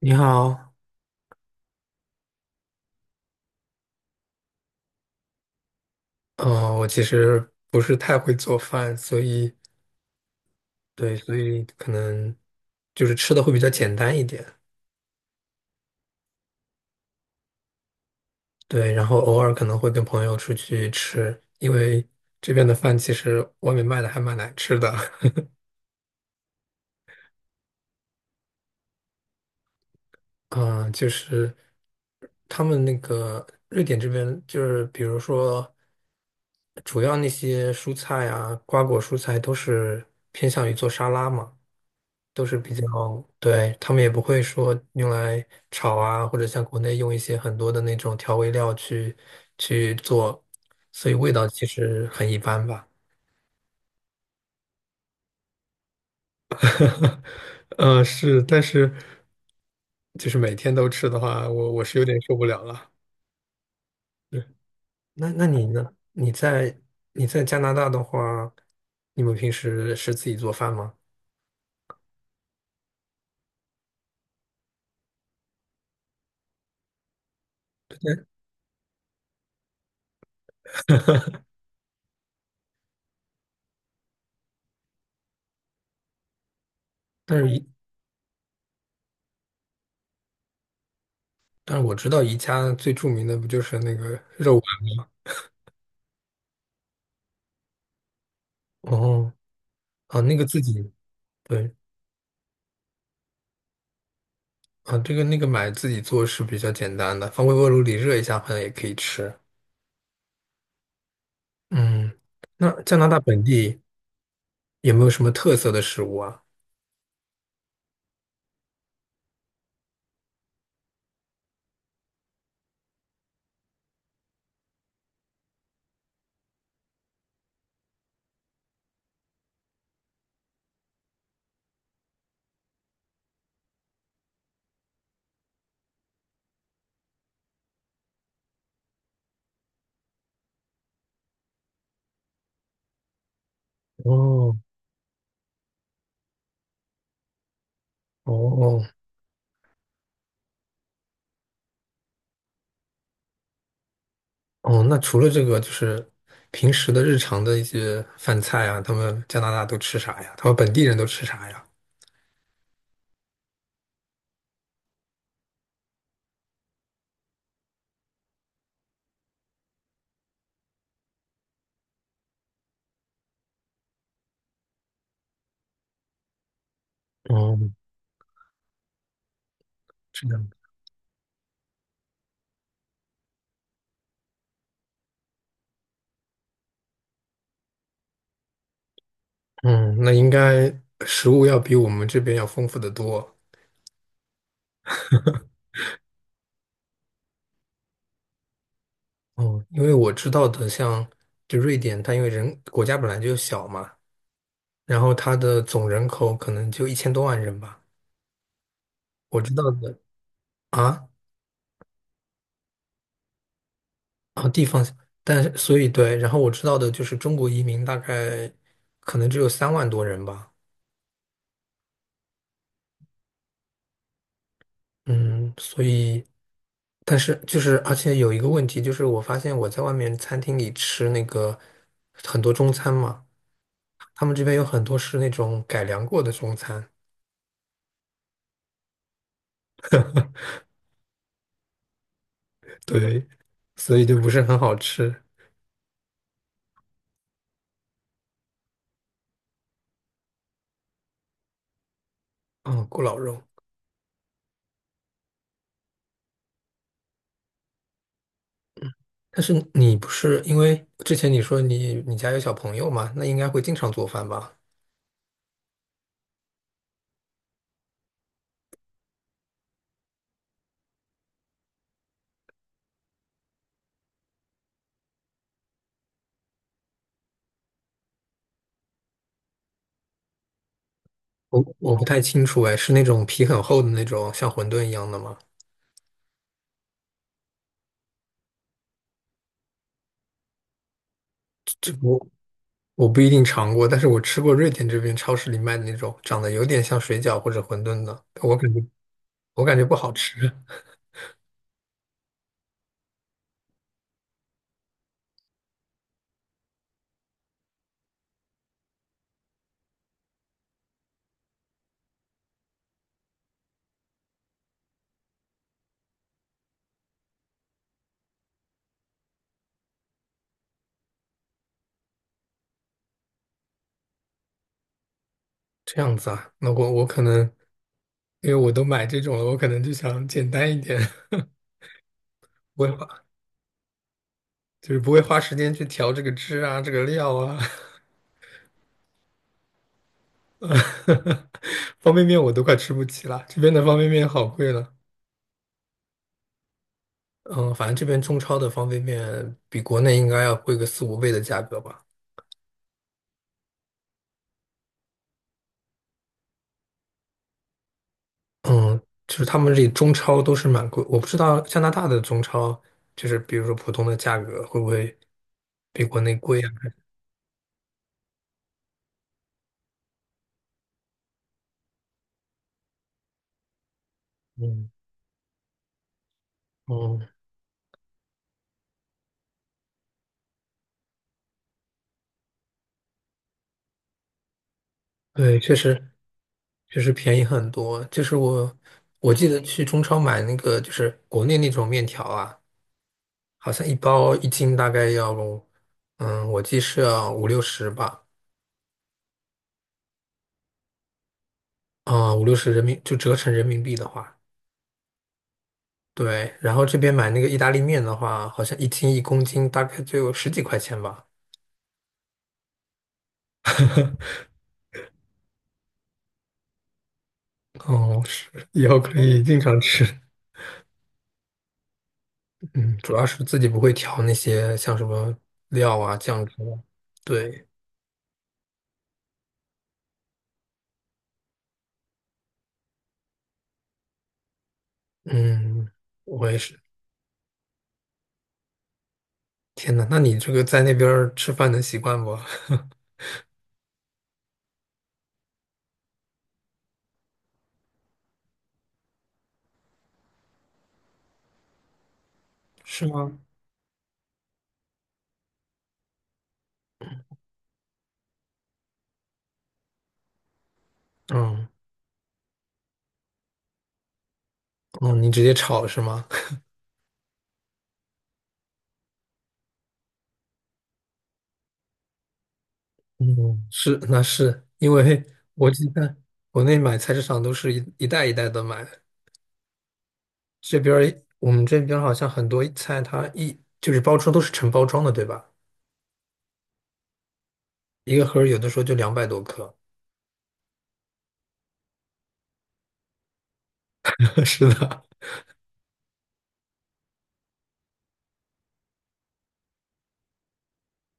你好，我其实不是太会做饭，所以对，所以可能就是吃的会比较简单一点，对，然后偶尔可能会跟朋友出去吃，因为这边的饭其实外面卖的还蛮难吃的。嗯、就是他们那个瑞典这边就是比如说主要那些蔬菜啊，瓜果蔬菜都是偏向于做沙拉嘛。都是比较，对，他们也不会说用来炒啊，或者像国内用一些很多的那种调味料去做，所以味道其实很一般吧。是，但是就是每天都吃的话，我是有点受不了了。对。那你呢？你在加拿大的话，你们平时是自己做饭吗？但但是宜但是我知道宜家最著名的不就是那个肉丸。哦哦，啊那个自己对。啊，这个那个买自己做是比较简单的，放微波炉里热一下，好像也可以吃。嗯，那加拿大本地有没有什么特色的食物啊？哦哦哦，那除了这个，就是平时的日常的一些饭菜啊，他们加拿大都吃啥呀？他们本地人都吃啥呀？哦，是这样。嗯，那应该食物要比我们这边要丰富得多。哦，因为我知道的像，就瑞典，它因为人国家本来就小嘛。然后它的总人口可能就1000多万人吧。我知道的啊，啊地方，但是所以对，然后我知道的就是中国移民大概可能只有3万多人吧。嗯，所以但是就是而且有一个问题就是，我发现我在外面餐厅里吃那个很多中餐嘛，他们这边有很多是那种改良过的中餐，对，所以就不是很好吃。嗯，咕老肉。但是你不是因为之前你说你家有小朋友嘛，那应该会经常做饭吧？我不太清楚哎，是那种皮很厚的那种像馄饨一样的吗？这我不一定尝过，但是我吃过瑞典这边超市里卖的那种长得有点像水饺或者馄饨的，我感觉不好吃。这样子啊，那我可能因为我都买这种了，我可能就想简单一点。不会花就是不会花时间去调这个汁啊，这个料啊。方便面我都快吃不起了，这边的方便面好贵了。嗯，反正这边中超的方便面比国内应该要贵个四五倍的价格吧。嗯，就是他们这里中超都是蛮贵，我不知道加拿大的中超，就是比如说普通的价格会不会比国内贵啊？嗯嗯，对，确实便宜很多。就是我记得去中超买那个，就是国内那种面条啊。好像一包一斤大概要，我记是要五六十吧，啊、五六十人民就折成人民币的话，对。然后这边买那个意大利面的话，好像一斤一公斤大概就10几块钱吧。 哦，是，以后可以经常吃。嗯，主要是自己不会调那些像什么料啊、酱汁啊，对，嗯，我也是。天呐，那你这个在那边儿吃饭能习惯不？是吗？嗯，哦，你直接炒是吗？嗯，是，那是因为 我记得国内买菜市场都是一袋一袋的买，这边儿我们这边儿好像很多菜它一就是包装都是成包装的，对吧？一个盒儿有的时候就200多克。是的。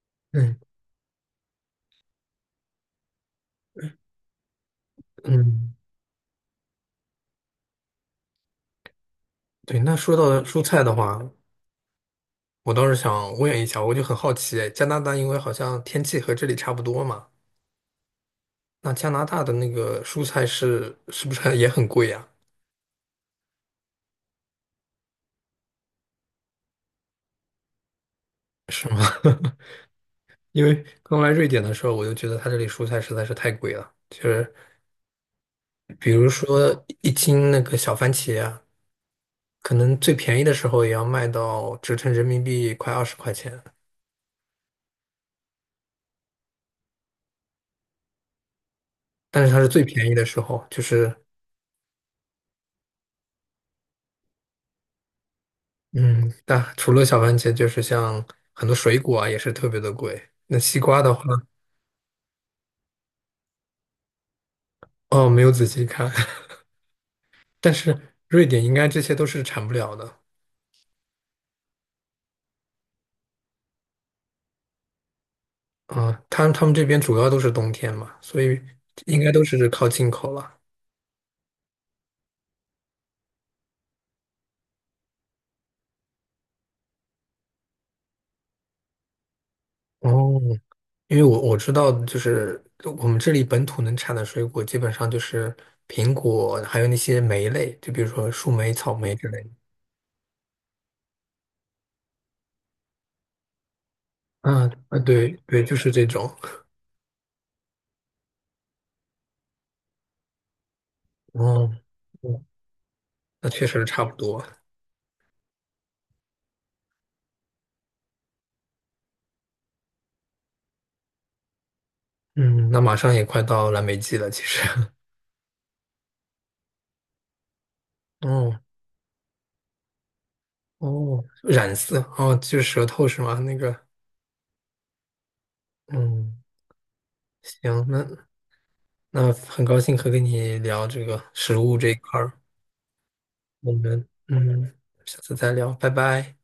嗯嗯，对。那说到蔬菜的话，我倒是想问一下，我就很好奇，哎加拿大因为好像天气和这里差不多嘛，那加拿大的那个蔬菜是不是 还也很贵呀？因为刚来瑞典的时候，我就觉得它这里蔬菜实在是太贵了，其实。比如说一斤那个小番茄啊，可能最便宜的时候也要卖到折成人民币快20块钱，但是它是最便宜的时候，就是嗯，但除了小番茄，就是像很多水果啊也是特别的贵。那西瓜的话，哦，没有仔细看。但是瑞典应该这些都是产不了的。啊，他们这边主要都是冬天嘛，所以应该都是靠进口了。哦，因为我知道，就是我们这里本土能产的水果，基本上就是苹果，还有那些莓类，就比如说树莓、草莓之类的。嗯啊，对对，就是这种。哦，嗯那确实差不多。嗯，那马上也快到蓝莓季了，其实。哦哦，染色哦，就是舌头是吗？那个，嗯，行，那很高兴和跟你聊这个食物这一块儿，我们下次再聊，拜拜。